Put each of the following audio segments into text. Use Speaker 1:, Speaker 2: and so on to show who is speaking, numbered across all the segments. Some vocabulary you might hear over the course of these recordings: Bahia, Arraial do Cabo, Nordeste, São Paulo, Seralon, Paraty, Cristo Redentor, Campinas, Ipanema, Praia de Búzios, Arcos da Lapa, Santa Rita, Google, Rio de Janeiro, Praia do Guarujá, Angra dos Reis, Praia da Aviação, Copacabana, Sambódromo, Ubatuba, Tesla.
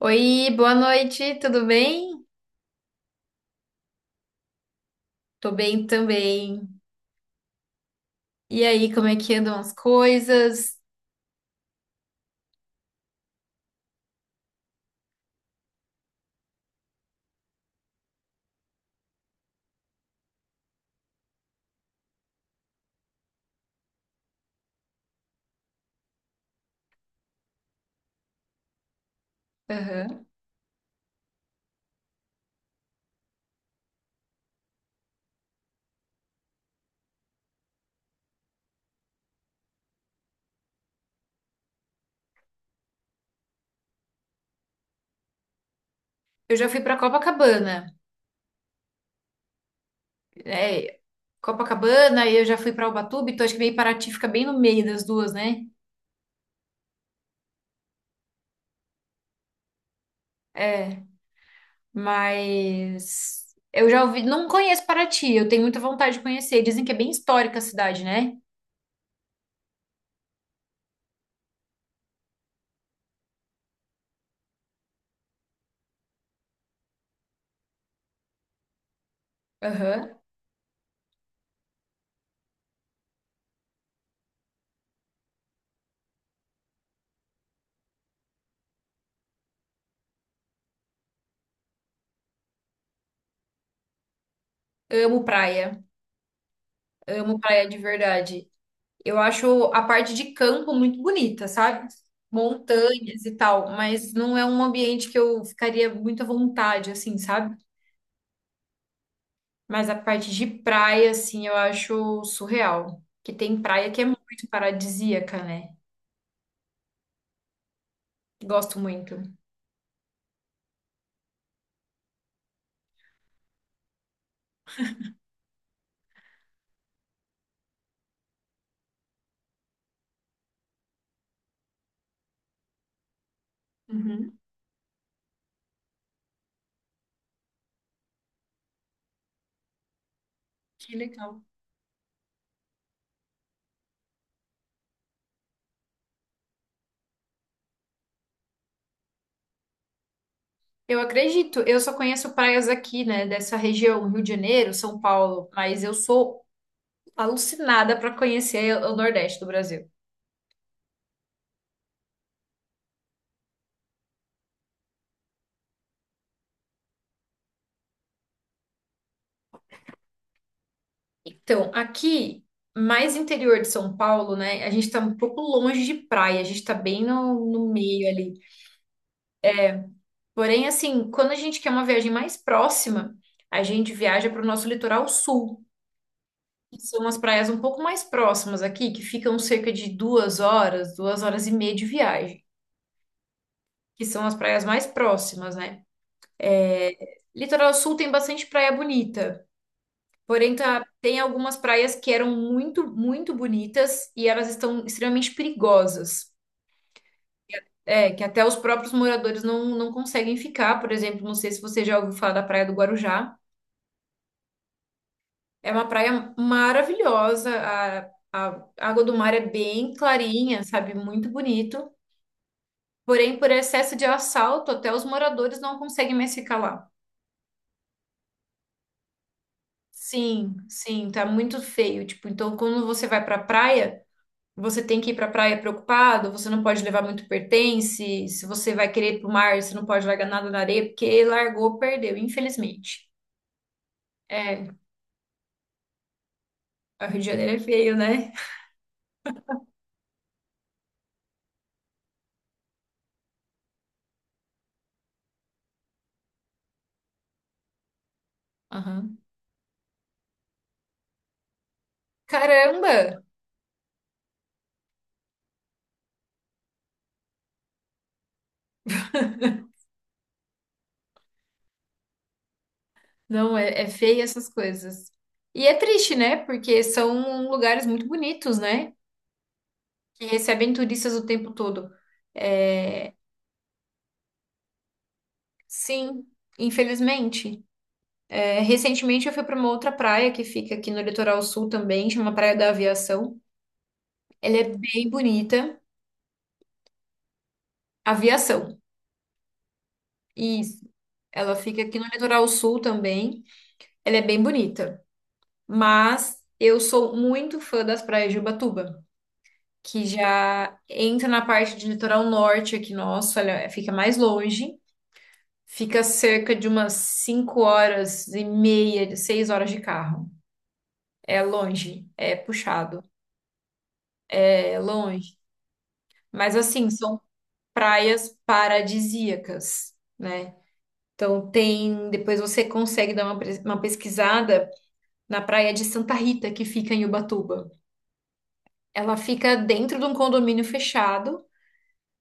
Speaker 1: Oi, boa noite, tudo bem? Tô bem também. E aí, como é que andam as coisas? Aham. Eu já fui pra Copacabana. É, Copacabana, e eu já fui pra Ubatuba, então acho que meio Paraty fica bem no meio das duas, né? É, mas eu já ouvi, não conheço Paraty, eu tenho muita vontade de conhecer. Dizem que é bem histórica a cidade, né? Aham. Amo praia, amo praia de verdade. Eu acho a parte de campo muito bonita, sabe? Montanhas e tal, mas não é um ambiente que eu ficaria muito à vontade, assim, sabe? Mas a parte de praia, assim, eu acho surreal. Que tem praia que é muito paradisíaca, né? Gosto muito. Uhum. Que legal. Eu acredito, eu só conheço praias aqui, né, dessa região, Rio de Janeiro, São Paulo, mas eu sou alucinada para conhecer o Nordeste do Brasil. Então, aqui, mais interior de São Paulo, né? A gente tá um pouco longe de praia, a gente tá bem no meio ali. Porém, assim, quando a gente quer uma viagem mais próxima, a gente viaja para o nosso litoral sul, que são as praias um pouco mais próximas aqui, que ficam cerca de 2 horas, 2 horas e meia de viagem, que são as praias mais próximas, né? Litoral sul tem bastante praia bonita. Porém, tá, tem algumas praias que eram muito, muito bonitas e elas estão extremamente perigosas. É, que até os próprios moradores não conseguem ficar. Por exemplo, não sei se você já ouviu falar da Praia do Guarujá. É uma praia maravilhosa. A água do mar é bem clarinha, sabe? Muito bonito. Porém, por excesso de assalto, até os moradores não conseguem mais ficar lá. Sim, sim, tá muito feio. Tipo, então quando você vai pra praia, você tem que ir pra praia preocupado, você não pode levar muito pertence. Se você vai querer ir pro mar, você não pode largar nada na areia, porque largou, perdeu, infelizmente. É, O Rio de Janeiro é feio, né? Aham. Caramba! Não, é feio essas coisas. E é triste, né? Porque são lugares muito bonitos, né? Que recebem turistas o tempo todo. É, sim, infelizmente. É, recentemente eu fui para uma outra praia que fica aqui no litoral sul também, chama Praia da Aviação. Ela é bem bonita. Aviação. Isso. Ela fica aqui no litoral sul também. Ela é bem bonita. Mas eu sou muito fã das praias de Ubatuba. Que já entra na parte de litoral norte aqui nosso, olha, fica mais longe, fica cerca de umas 5 horas e meia, 6 horas de carro. É longe, é puxado, é longe. Mas assim, são praias paradisíacas, né? Então tem, depois você consegue dar uma, uma pesquisada na praia de Santa Rita, que fica em Ubatuba. Ela fica dentro de um condomínio fechado,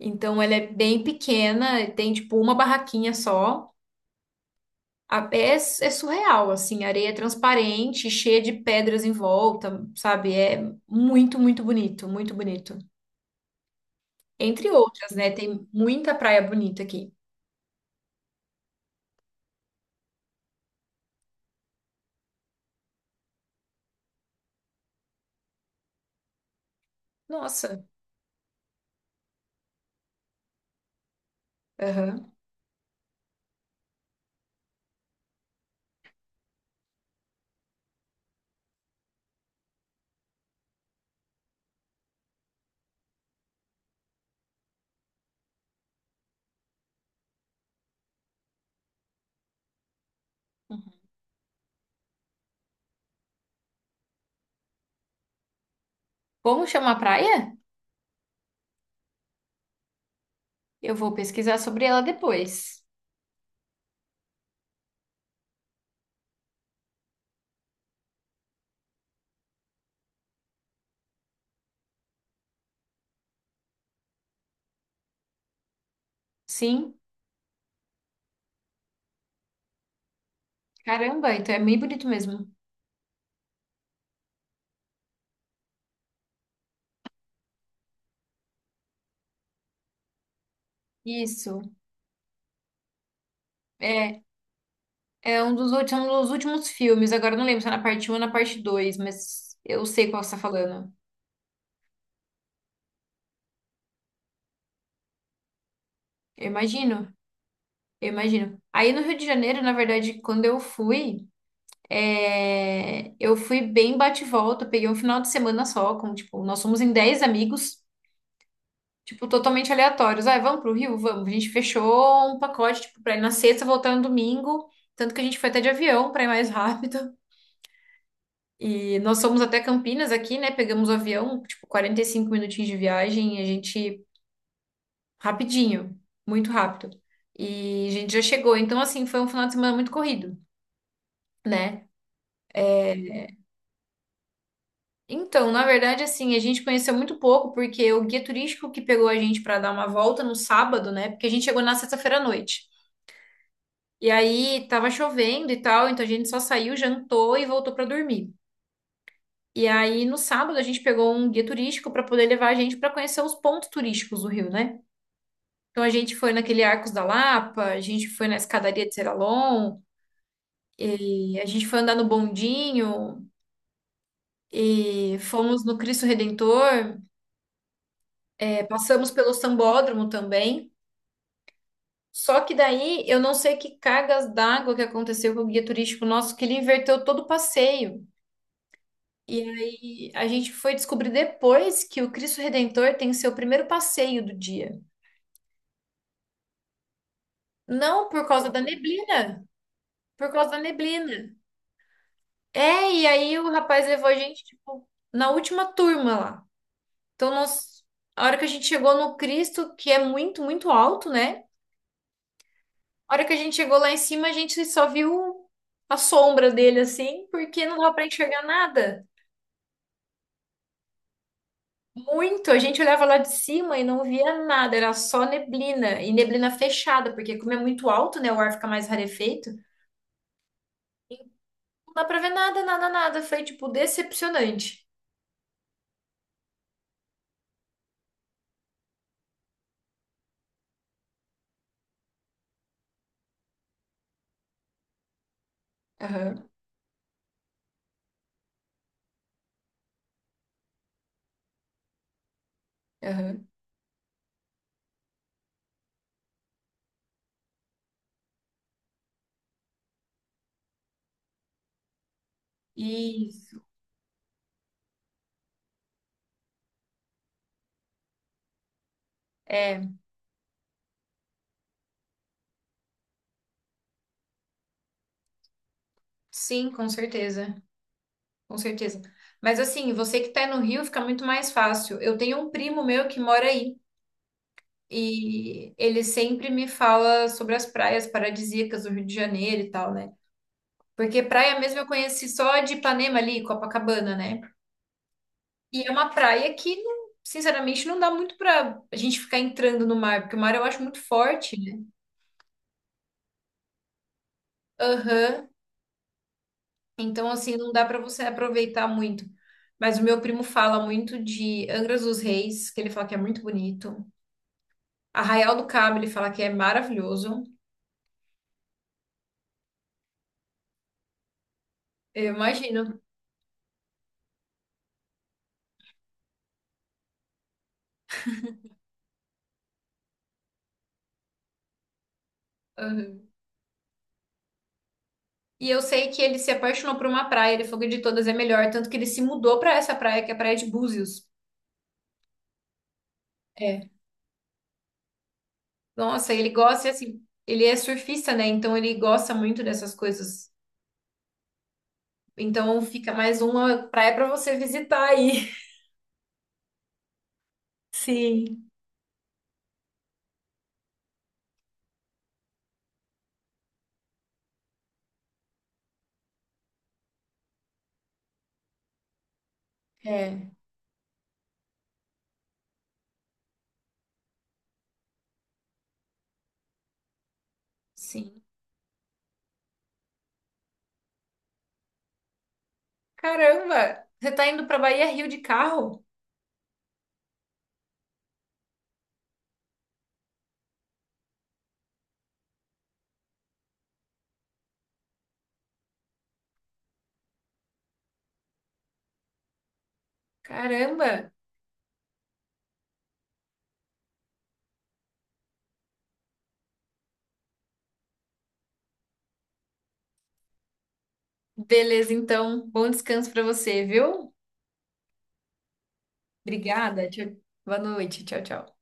Speaker 1: então ela é bem pequena, tem tipo uma barraquinha só, É surreal, assim, a areia é transparente, cheia de pedras em volta, sabe? É muito, muito bonito, muito bonito. Entre outras, né? Tem muita praia bonita aqui. Nossa, aham. Como chama a praia? Eu vou pesquisar sobre ela depois. Sim, caramba, então é bem bonito mesmo. Isso, é, é um dos, um dos últimos filmes, agora eu não lembro se é na parte um, ou na parte 2, mas eu sei qual você está falando. Eu imagino. Eu imagino. Aí no Rio de Janeiro, na verdade, quando eu fui, é, eu fui bem bate e volta, eu peguei um final de semana só, com, tipo, nós somos em 10 amigos, tipo, totalmente aleatórios. Ah, vamos pro Rio? Vamos. A gente fechou um pacote, tipo, pra ir na sexta, voltar no domingo, tanto que a gente foi até de avião pra ir mais rápido. E nós fomos até Campinas aqui, né? Pegamos o avião, tipo, 45 minutinhos de viagem, e a gente, rapidinho, muito rápido. E a gente já chegou. Então, assim, foi um final de semana muito corrido né? Então, na verdade, assim, a gente conheceu muito pouco, porque o guia turístico que pegou a gente para dar uma volta no sábado, né? Porque a gente chegou na sexta-feira à noite. E aí tava chovendo e tal, então a gente só saiu, jantou e voltou para dormir. E aí no sábado a gente pegou um guia turístico para poder levar a gente para conhecer os pontos turísticos do Rio, né? Então a gente foi naquele Arcos da Lapa, a gente foi na escadaria de Seralon, e a gente foi andar no bondinho, e fomos no Cristo Redentor, é, passamos pelo Sambódromo também. Só que daí eu não sei que cargas d'água que aconteceu com o guia turístico nosso, que ele inverteu todo o passeio. E aí a gente foi descobrir depois que o Cristo Redentor tem seu primeiro passeio do dia. Não por causa da neblina, por causa da neblina. É, e aí o rapaz levou a gente, tipo, na última turma lá. Então, nós, a hora que a gente chegou no Cristo, que é muito, muito alto, né? A hora que a gente chegou lá em cima, a gente só viu a sombra dele, assim, porque não dava pra enxergar nada. Muito, a gente olhava lá de cima e não via nada, era só neblina, e neblina fechada, porque como é muito alto, né, o ar fica mais rarefeito, não dá pra ver nada, nada, nada, foi, tipo, decepcionante. Aham, aham. Isso, é, sim, com certeza, com certeza. Mas assim, você que tá no Rio fica muito mais fácil. Eu tenho um primo meu que mora aí, e ele sempre me fala sobre as praias paradisíacas do Rio de Janeiro e tal, né? Porque praia mesmo eu conheci só de Ipanema ali, Copacabana, né? E é uma praia que, sinceramente, não dá muito pra a gente ficar entrando no mar, porque o mar eu acho muito forte, né? Aham. Então, assim, não dá pra você aproveitar muito. Mas o meu primo fala muito de Angra dos Reis, que ele fala que é muito bonito. Arraial do Cabo, ele fala que é maravilhoso. Eu imagino. Aham. E eu sei que ele se apaixonou por uma praia, ele falou que de todas é melhor, tanto que ele se mudou pra essa praia, que é a Praia de Búzios. É. Nossa, ele gosta, e assim, ele é surfista, né? Então ele gosta muito dessas coisas. Então fica mais uma praia pra você visitar aí. Sim. É, sim. Caramba, você tá indo pra Bahia Rio de carro? Caramba. Beleza, então, bom descanso pra você, viu? Obrigada. Tchau. Boa noite. Tchau, tchau.